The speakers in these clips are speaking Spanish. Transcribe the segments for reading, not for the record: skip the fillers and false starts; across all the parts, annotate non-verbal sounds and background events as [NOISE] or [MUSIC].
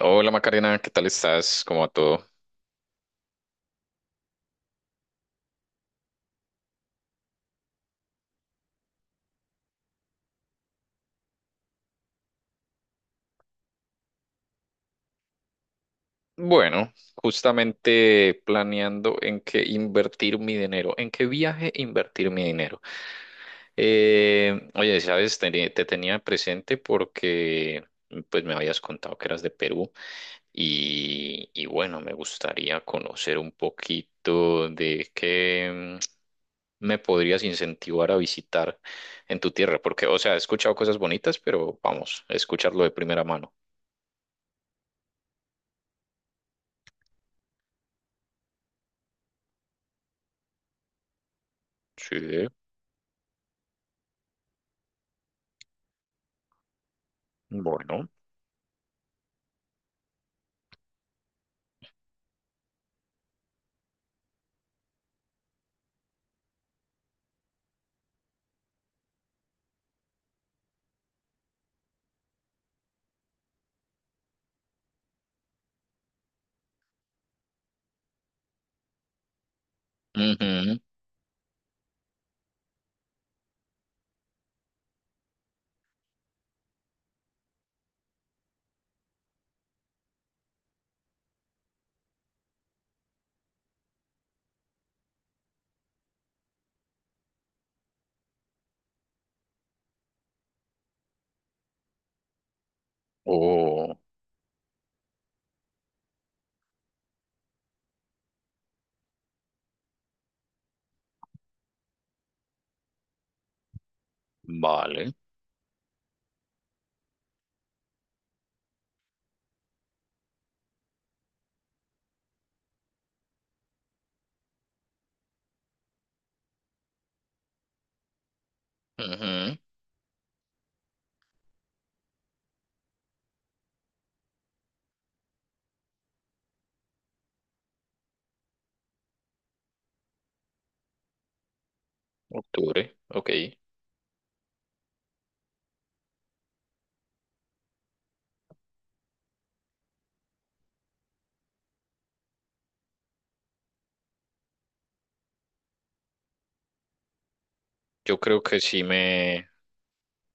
Hola Macarena, ¿qué tal estás? ¿Cómo va todo? Bueno, justamente planeando en qué invertir mi dinero, en qué viaje invertir mi dinero. Oye, sabes, tenía presente porque pues me habías contado que eras de Perú y bueno, me gustaría conocer un poquito de qué me podrías incentivar a visitar en tu tierra, porque, o sea, he escuchado cosas bonitas, pero vamos, escucharlo de primera mano. Sí, bueno. Ujú. Oh, vale. Ujú. Octubre, ok. Yo creo que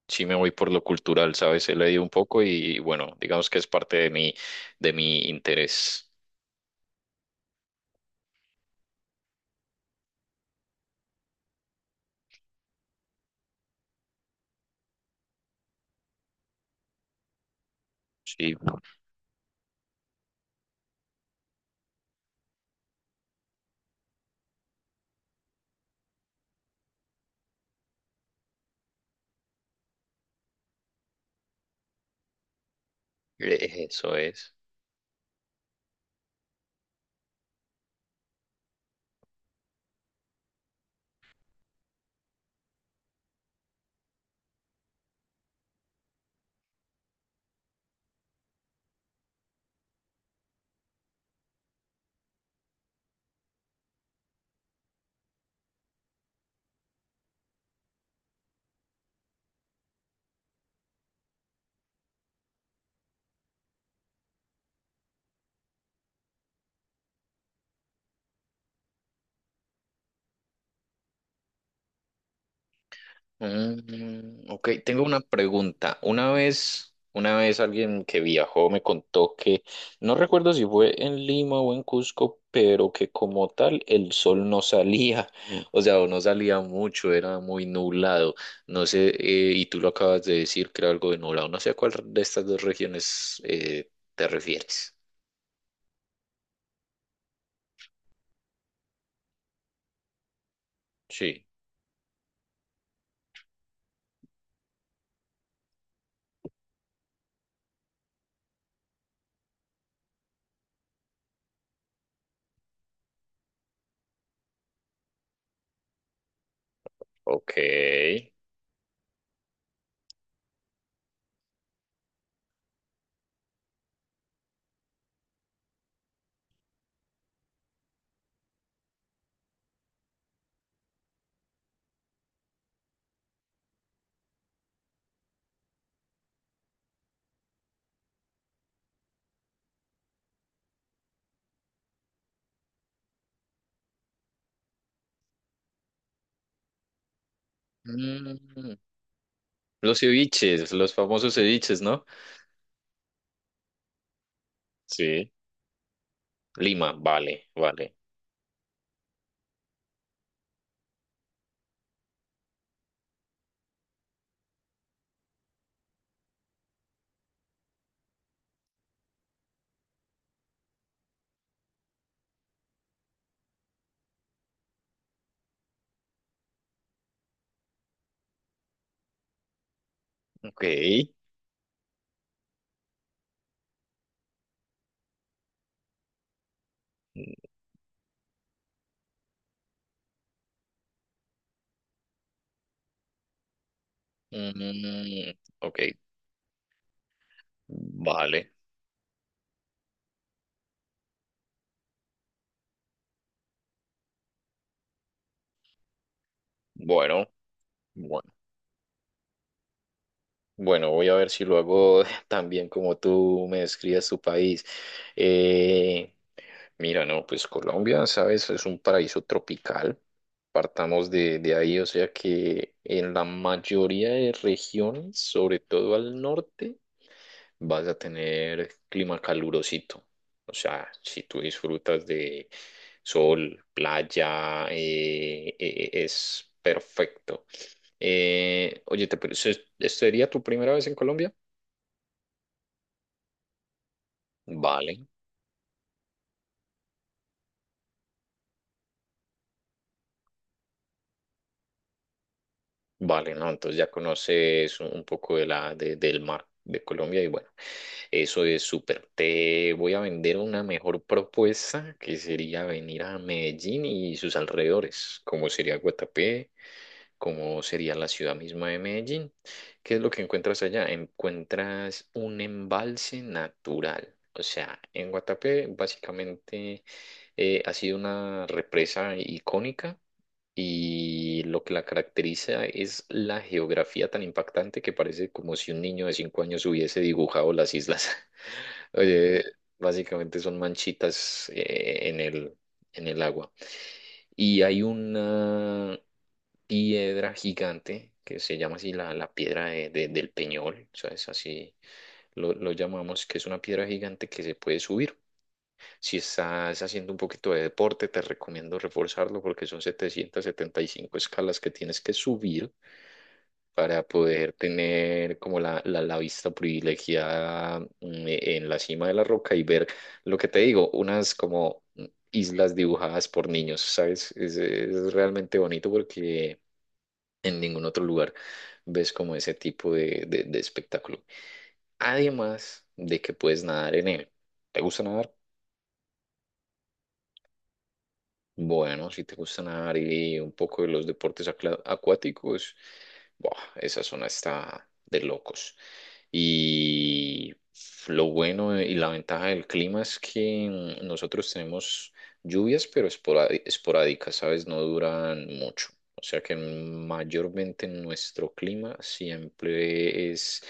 sí me voy por lo cultural, ¿sabes? He leído un poco y bueno, digamos que es parte de de mi interés. Sí, eso es. Ok, tengo una pregunta. Una vez alguien que viajó me contó que, no recuerdo si fue en Lima o en Cusco, pero que como tal el sol no salía, [LAUGHS] o sea, o no salía mucho, era muy nublado. No sé, y tú lo acabas de decir que era algo de nublado. No sé a cuál de estas dos regiones te refieres. Sí. Ok. Mm, los ceviches, los famosos ceviches, ¿no? Sí. Lima, vale, vale. Ok. Mm, ok. Vale. Bueno, bueno. Bueno, voy a ver si lo hago [LAUGHS] tan bien como tú me describes tu país. Eh, mira, no, pues Colombia, sabes, es un paraíso tropical. Partamos de ahí, o sea que en la mayoría de regiones, sobre todo al norte, vas a tener clima calurosito. O sea, si tú disfrutas de sol, playa, es perfecto. Oye, ¿sería tu primera vez en Colombia? Vale. Vale, ¿no? Entonces ya conoces un poco de del mar de Colombia y bueno, eso es súper. Te voy a vender una mejor propuesta que sería venir a Medellín y sus alrededores, como sería Guatapé, como sería la ciudad misma de Medellín. ¿Qué es lo que encuentras allá? Encuentras un embalse natural. O sea, en Guatapé básicamente ha sido una represa icónica y lo que la caracteriza es la geografía tan impactante que parece como si un niño de cinco años hubiese dibujado las islas. [LAUGHS] Oye, básicamente son manchitas en en el agua. Y hay una piedra gigante que se llama así la piedra del Peñol, o sea, es así, lo llamamos, que es una piedra gigante que se puede subir. Si estás haciendo un poquito de deporte, te recomiendo reforzarlo porque son 775 escalas que tienes que subir para poder tener como la vista privilegiada en la cima de la roca y ver lo que te digo, unas como islas dibujadas por niños, ¿sabes? Es realmente bonito porque en ningún otro lugar ves como ese tipo de espectáculo. Además de que puedes nadar en él. ¿Te gusta nadar? Bueno, si te gusta nadar y un poco de los deportes acuáticos, buah, esa zona está de locos. Y lo bueno y la ventaja del clima es que nosotros tenemos lluvias, pero esporádicas, ¿sabes? No duran mucho. O sea que mayormente nuestro clima siempre es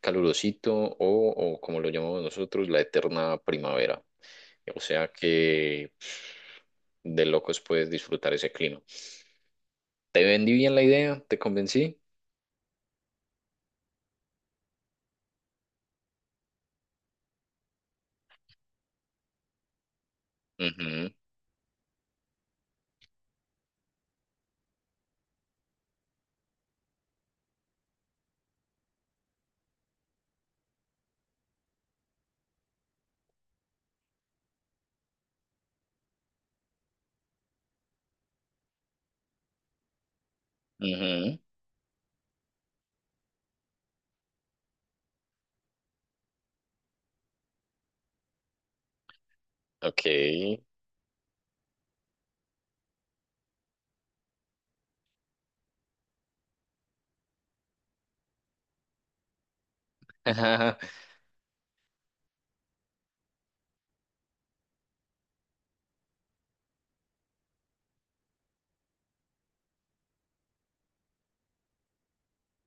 calurosito o como lo llamamos nosotros, la eterna primavera. O sea que de locos puedes disfrutar ese clima. ¿Te vendí bien la idea? ¿Te convencí? Ujú, ujú, ok. [LAUGHS]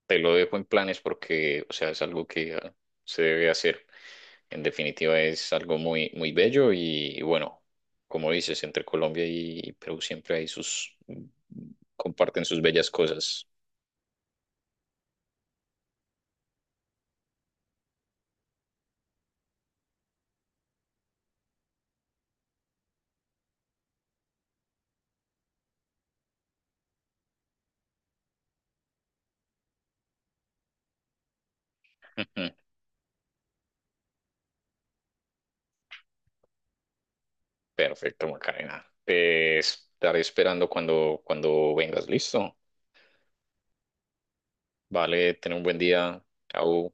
Te lo dejo en planes porque, o sea, es algo que ah, se debe hacer. En definitiva, es algo muy, muy bello y bueno, como dices, entre Colombia y Perú siempre hay sus, comparten sus bellas cosas. Ujú. Perfecto, Macarena. Te estaré esperando cuando vengas, ¿listo? Vale, ten un buen día. Chao.